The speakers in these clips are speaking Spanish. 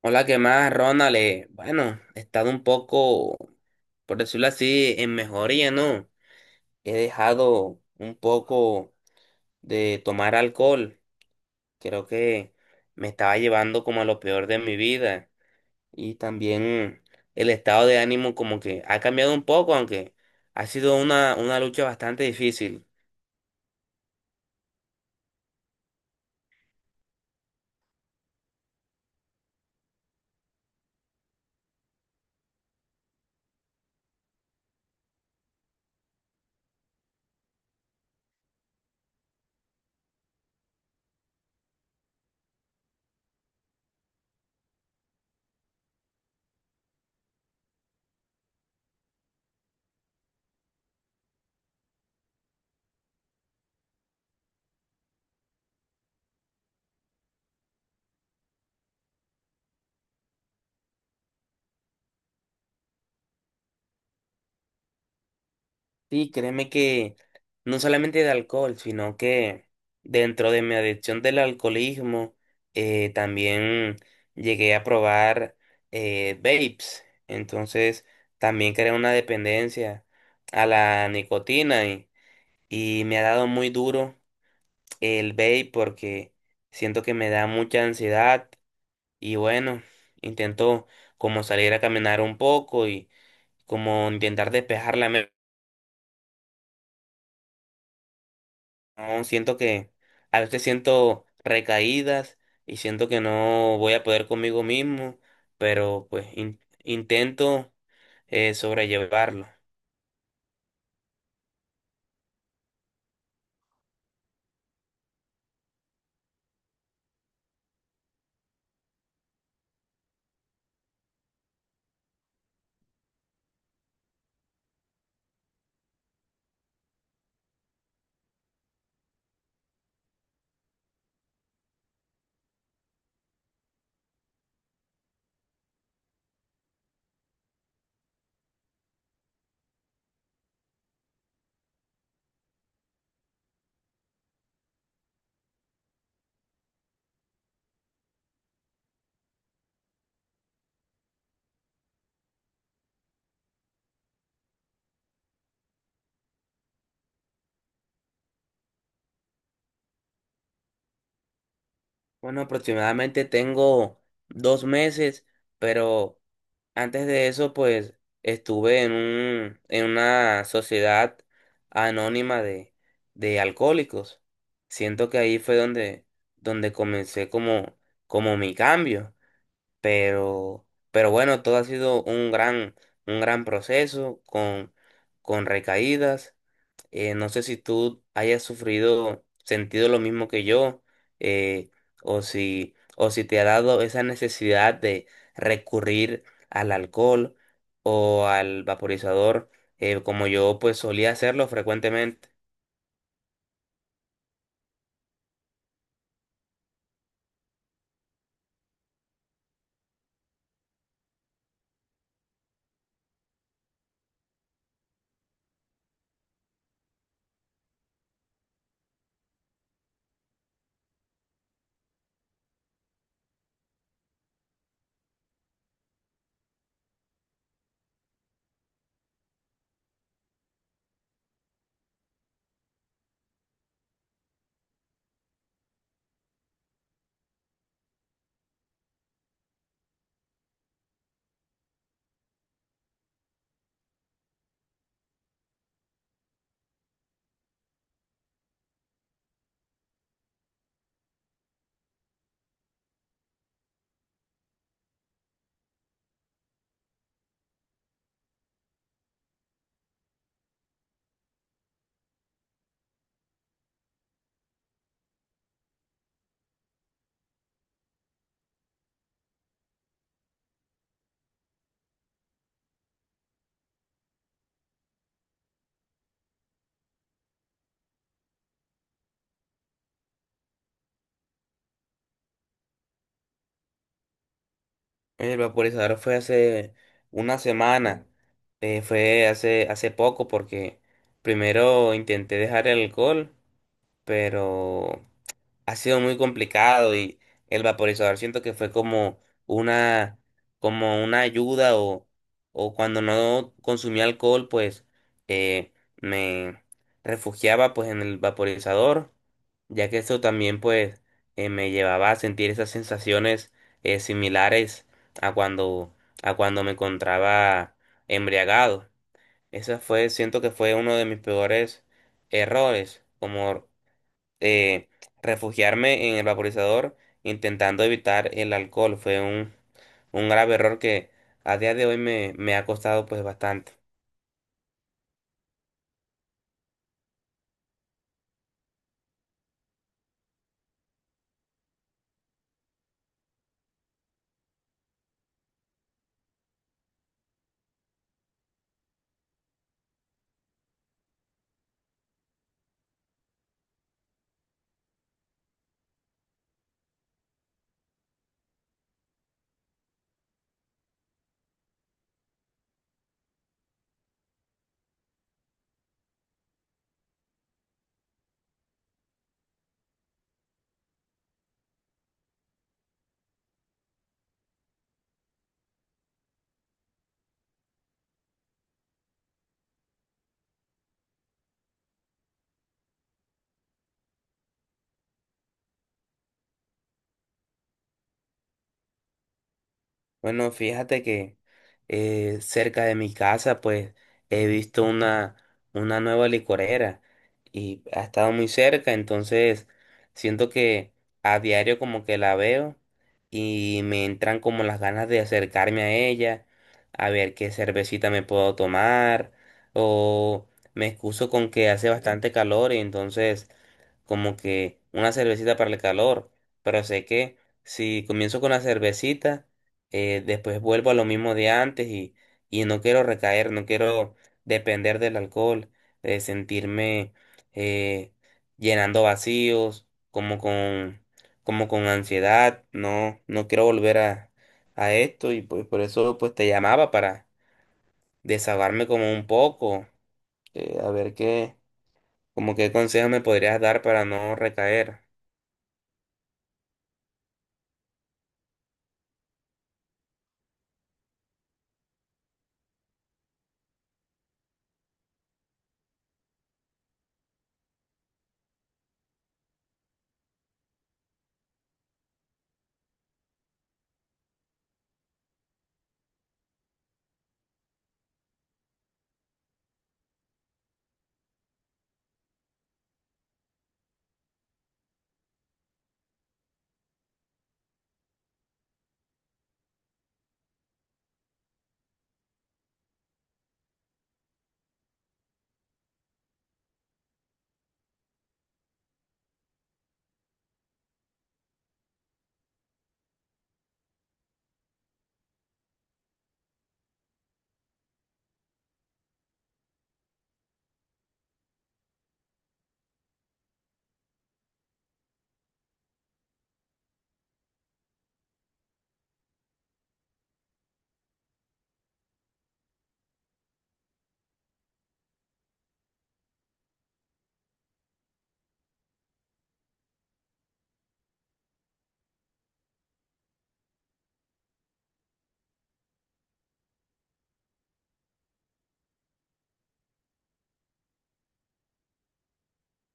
Hola, ¿qué más, Ronald? Bueno, he estado un poco, por decirlo así, en mejoría, ¿no? He dejado un poco de tomar alcohol. Creo que me estaba llevando como a lo peor de mi vida. Y también el estado de ánimo como que ha cambiado un poco, aunque ha sido una lucha bastante difícil. Sí, créeme que no solamente de alcohol, sino que dentro de mi adicción del alcoholismo, también llegué a probar vapes. Entonces, también creé una dependencia a la nicotina y me ha dado muy duro el vape porque siento que me da mucha ansiedad y bueno, intento como salir a caminar un poco y como intentar despejar la mente. No, siento que a veces siento recaídas y siento que no voy a poder conmigo mismo, pero pues intento sobrellevarlo. Bueno, aproximadamente tengo dos meses, pero antes de eso pues estuve en en una sociedad anónima de alcohólicos. Siento que ahí fue donde comencé como mi cambio. Pero bueno, todo ha sido un un gran proceso con recaídas. No sé si tú hayas sufrido, sentido lo mismo que yo, eh, o si te ha dado esa necesidad de recurrir al alcohol o al vaporizador, como yo pues solía hacerlo frecuentemente. El vaporizador fue hace una semana, fue hace poco porque primero intenté dejar el alcohol, pero ha sido muy complicado y el vaporizador siento que fue como una, como una ayuda o cuando no consumía alcohol, pues eh, me refugiaba pues en el vaporizador, ya que esto también pues me llevaba a sentir esas sensaciones similares a cuando, a cuando me encontraba embriagado. Siento que fue uno de mis peores errores, como eh, refugiarme en el vaporizador intentando evitar el alcohol. Fue un grave error que a día de hoy me ha costado pues bastante. Bueno, fíjate que cerca de mi casa, pues he visto una nueva licorera y ha estado muy cerca, entonces siento que a diario como que la veo y me entran como las ganas de acercarme a ella, a ver qué cervecita me puedo tomar o me excuso con que hace bastante calor y entonces como que una cervecita para el calor, pero sé que si comienzo con la cervecita, después vuelvo a lo mismo de antes y no quiero recaer, no quiero depender del alcohol, sentirme eh, llenando vacíos, como con ansiedad, no, no quiero volver a esto y pues por eso pues te llamaba para desahogarme como un poco, eh, a ver qué, como qué consejo me podrías dar para no recaer.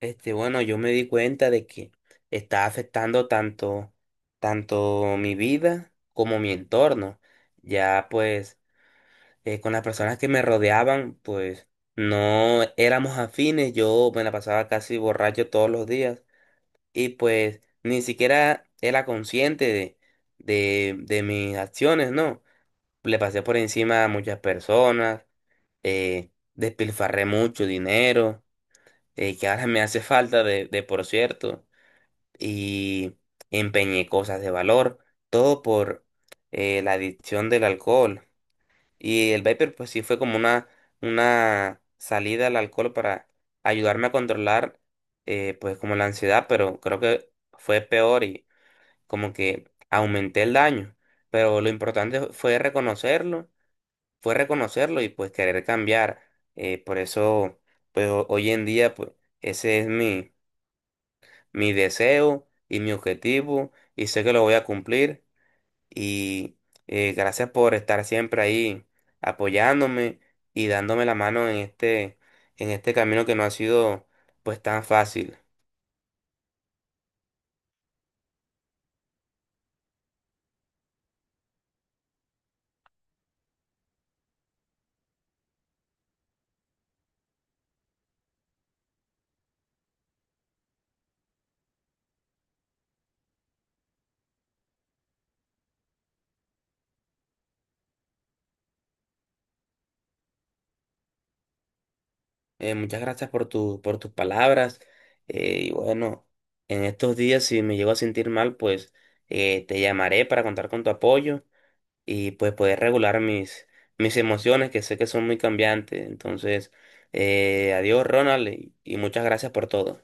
Este, bueno, yo me di cuenta de que está afectando tanto, tanto mi vida como mi entorno. Ya pues, con las personas que me rodeaban, pues no éramos afines. Yo me la pasaba casi borracho todos los días. Y pues ni siquiera era consciente de mis acciones, ¿no? Le pasé por encima a muchas personas, despilfarré mucho dinero, que ahora me hace falta de por cierto y empeñé cosas de valor, todo por la adicción del alcohol. Y el vapor pues sí fue como una salida al alcohol para ayudarme a controlar pues como la ansiedad, pero creo que fue peor y como que aumenté el daño. Pero lo importante fue reconocerlo y pues querer cambiar. Por eso pues hoy en día pues ese es mi deseo y mi objetivo y sé que lo voy a cumplir y gracias por estar siempre ahí apoyándome y dándome la mano en este camino que no ha sido pues tan fácil. Muchas gracias por tu por tus palabras, y bueno, en estos días si me llego a sentir mal pues te llamaré para contar con tu apoyo y pues poder regular mis emociones que sé que son muy cambiantes. Entonces, adiós Ronald y muchas gracias por todo.